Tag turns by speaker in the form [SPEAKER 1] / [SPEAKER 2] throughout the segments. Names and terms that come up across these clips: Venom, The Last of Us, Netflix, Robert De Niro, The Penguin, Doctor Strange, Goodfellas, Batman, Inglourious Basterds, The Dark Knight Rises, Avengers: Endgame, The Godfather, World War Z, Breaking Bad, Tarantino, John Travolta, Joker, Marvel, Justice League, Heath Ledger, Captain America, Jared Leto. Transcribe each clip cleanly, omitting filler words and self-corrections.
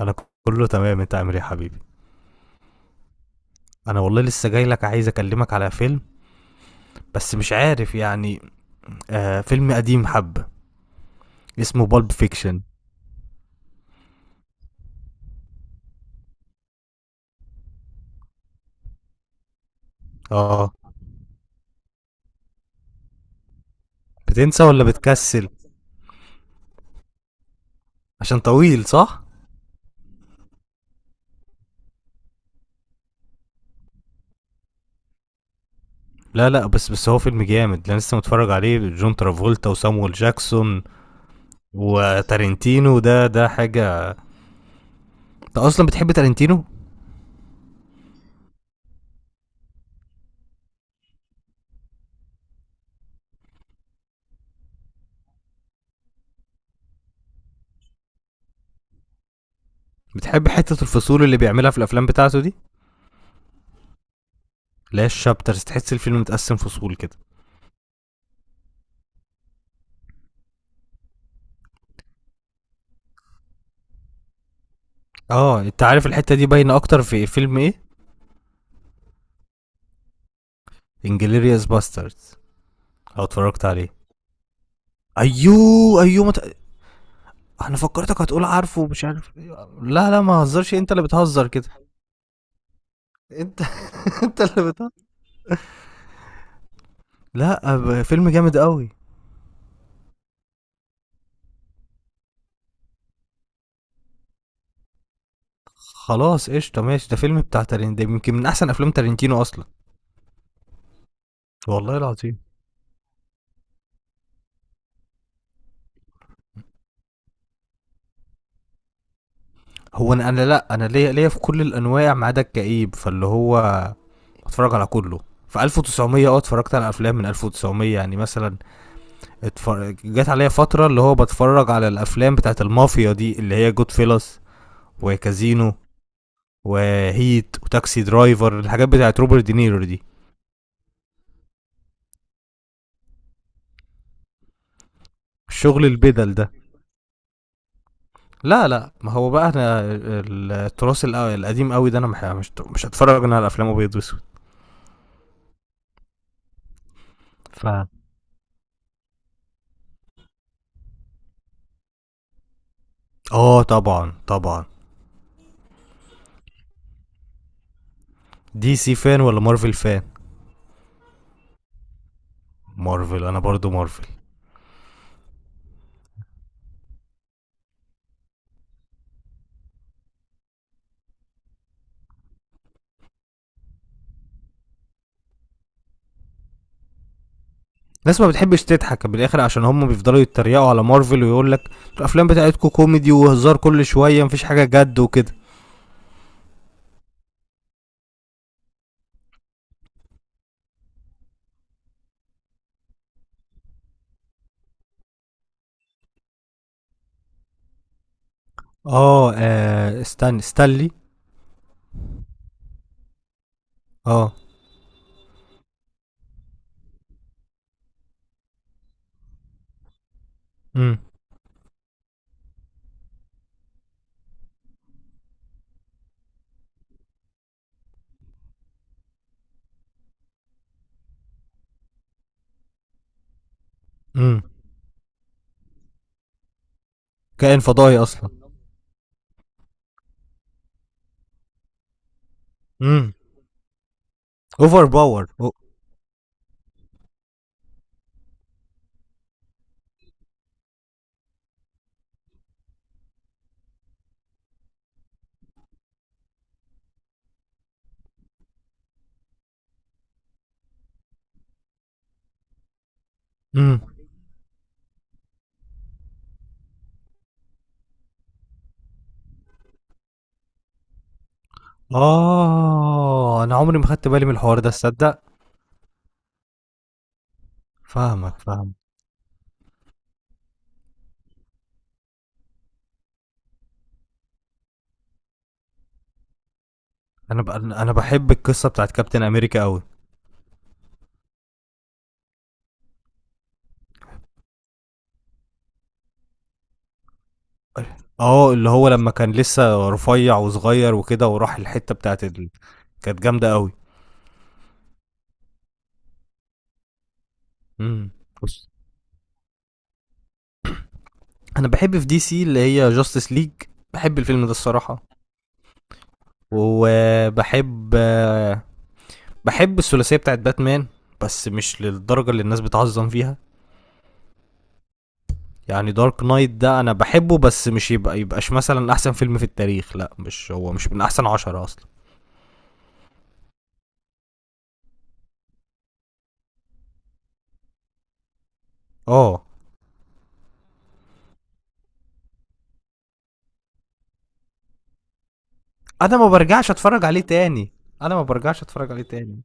[SPEAKER 1] انا كله تمام، انت عامل ايه يا حبيبي؟ انا والله لسه جاي لك عايز اكلمك على فيلم، بس مش عارف يعني. آه، فيلم قديم حبة، اسمه بالب فيكشن. اه، بتنسى ولا بتكسل؟ عشان طويل صح؟ لا لا، بس هو فيلم جامد، انا لسه متفرج عليه، جون ترافولتا وسامويل جاكسون وتارنتينو، ده حاجة. انت اصلا بتحب تارنتينو؟ بتحب حتة الفصول اللي بيعملها في الافلام بتاعته دي؟ لا، الشابترز، تحس الفيلم متقسم فصول كده. اه، انت عارف الحتة دي باينة اكتر في فيلم ايه؟ انجليريوس باستردز، لو اتفرجت عليه. ايوه ايوه انا فكرتك هتقول عارفه مش عارف إيه. لا لا، ما هزرش، انت اللي بتهزر كده. انت انت اللي بتهزر. لا، فيلم جامد قوي. خلاص قشطه، ماشي، ده فيلم بتاع تارين، ده يمكن من احسن افلام تارنتينو اصلا. والله العظيم. هو انا، انا لا انا ليا في كل الانواع ما عدا الكئيب، فاللي هو اتفرج على كله. في 1900، اه، اتفرجت على افلام من 1900، يعني مثلا اتفرج، جت عليا فترة اللي هو بتفرج على الأفلام بتاعت المافيا دي، اللي هي جود فيلس وكازينو وهيت وتاكسي درايفر، الحاجات بتاعت روبرت دينيرو دي، الشغل البدل ده. لا لا، ما هو بقى انا التراث القديم قوي ده، انا مش هتفرج انا على افلام ابيض واسود. ف اه، طبعا طبعا. دي سي فان ولا مارفل فان؟ مارفل، انا برضو مارفل. ناس ما بتحبش تضحك بالاخر، عشان هم بيفضلوا يتريقوا على مارفل ويقول لك الافلام بتاعتكم كوميدي وهزار كل شويه، مفيش حاجه جد وكده. اه آه، استنى، ستانلي. اه. امم، امم. كائن فضائي اصلا. امم. اوفر باور. امم. اه، انا عمري ما خدت بالي من الحوار ده، تصدق؟ فاهمك، فاهم. انا بحب القصه بتاعت كابتن امريكا قوي. اه، اللي هو لما كان لسه رفيع وصغير وكده، وراح الحته بتاعت ال... كانت جامده قوي. امم. انا بحب في دي سي اللي هي جاستس ليج، بحب الفيلم ده الصراحه. وبحب، بحب الثلاثيه بتاعت باتمان، بس مش للدرجه اللي الناس بتعظم فيها. يعني دارك نايت ده انا بحبه، بس مش يبقى يبقاش مثلا احسن فيلم في التاريخ، لا، مش هو مش من احسن عشرة اصلا. اه، انا ما برجعش اتفرج عليه تاني، انا ما برجعش اتفرج عليه تاني.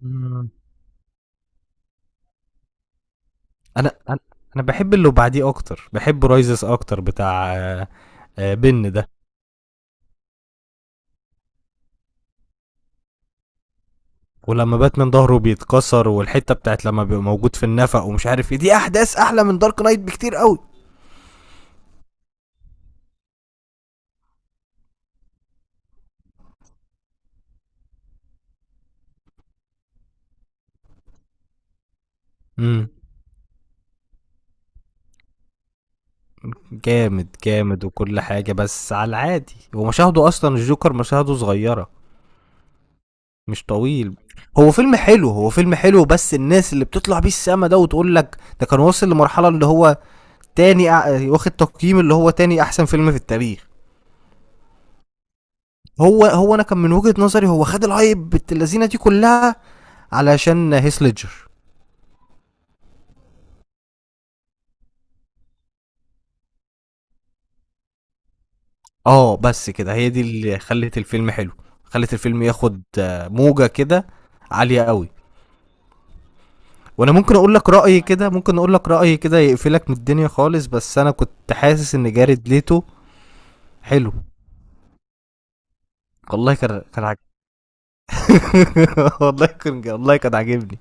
[SPEAKER 1] مم. انا انا أنا بحب اللي بعديه اكتر، بحب رايزس اكتر، بتاع آه، آه، بن ده. ولما باتمان ظهره بيتكسر، والحته بتاعت لما بيبقى موجود في النفق ومش عارف ايه، دي احداث احلى من دارك نايت بكتير قوي. امم. جامد جامد وكل حاجه، بس على العادي، ومشاهده اصلا الجوكر مشاهده صغيره، مش طويل. هو فيلم حلو، هو فيلم حلو، بس الناس اللي بتطلع بيه السما ده وتقول لك ده كان واصل لمرحله اللي هو واخد تقييم اللي هو تاني احسن فيلم في التاريخ. هو انا كان من وجهه نظري هو خد الهايب اللذينه دي كلها علشان هيسلجر. آه، بس كده هي دي اللي خلّت الفيلم حلو، خلّت الفيلم ياخد آه، موجة كده عالية أوي. وأنا ممكن أقول لك رأي كده، ممكن أقول لك رأي كده يقفلك من الدنيا خالص، بس أنا كنت حاسس إن جاريد ليتو حلو. والله كان كان عاج والله كان، والله كان عاجبني.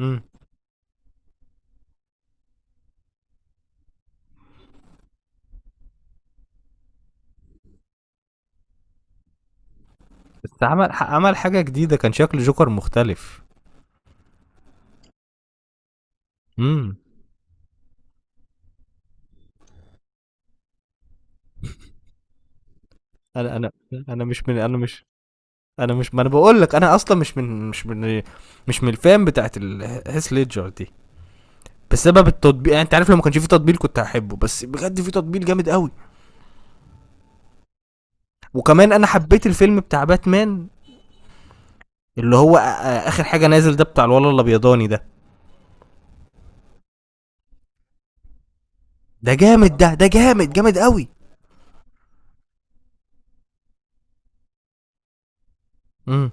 [SPEAKER 1] إمم، بس عمل حاجة جديدة، كان شكل جوكر مختلف. إمم. أنا أنا أنا مش من أنا مش أنا مش ما أنا باقول لك أنا أصلًا مش من الfan بتاعة ال هيث ليدجر دي. بسبب التطبيق، يعني انت عارف لو ما كانش في تطبيق كنت هحبه، بس بجد في تطبيق جامد قوي. وكمان انا حبيت الفيلم بتاع باتمان، اللي هو اخر حاجه نازل ده، بتاع الولد الابيضاني ده. ده جامد، ده جامد قوي. امم.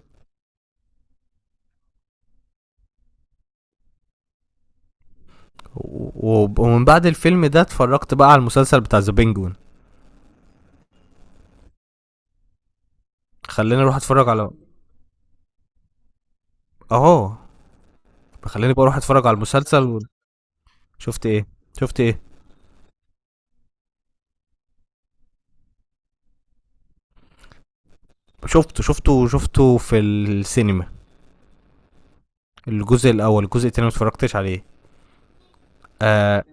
[SPEAKER 1] و- و- ومن بعد الفيلم ده اتفرجت بقى على المسلسل بتاع ذا بينجوين. خلاني اروح اتفرج على، اهو، خلاني بقى اروح اتفرج على المسلسل و... شفت ايه؟ شفت ايه؟ شفته شفته شفته في السينما. الجزء الاول، الجزء التاني ما اتفرجتش عليه. آه،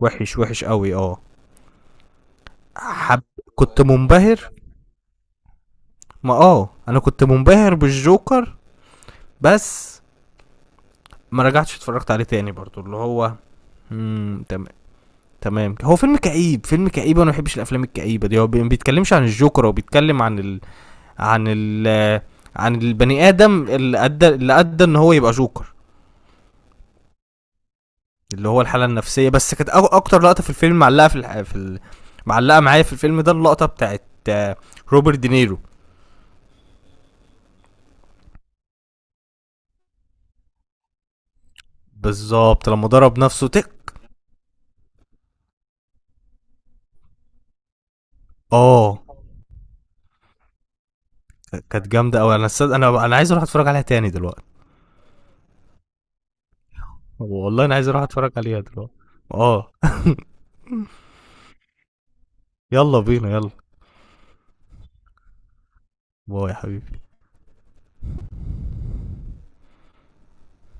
[SPEAKER 1] وحش وحش قوي، اه. حب. كنت منبهر، ما اه انا كنت منبهر بالجوكر، بس ما رجعتش اتفرجت عليه تاني برضو. اللي هو مم، تمام، هو فيلم كئيب، فيلم كئيب، وانا ما بحبش الافلام الكئيبه دي. هو ما بيتكلمش عن الجوكر، هو بيتكلم عن ال... عن ال... عن البني ادم اللي ادى، اللي ادى ان هو يبقى جوكر. اللي هو الحاله النفسيه، بس كانت اكتر لقطه في الفيلم معلقه في، في ال... معلقه معايا في الفيلم ده اللقطه بتاعت آه، روبرت دينيرو. بالظبط، لما ضرب نفسه تك. اه، كانت جامده قوي، انا انا انا عايز اروح اتفرج عليها تاني دلوقتي. والله انا عايز اروح اتفرج عليها دلوقتي. اه، يلا بينا، يلا. باي يا حبيبي.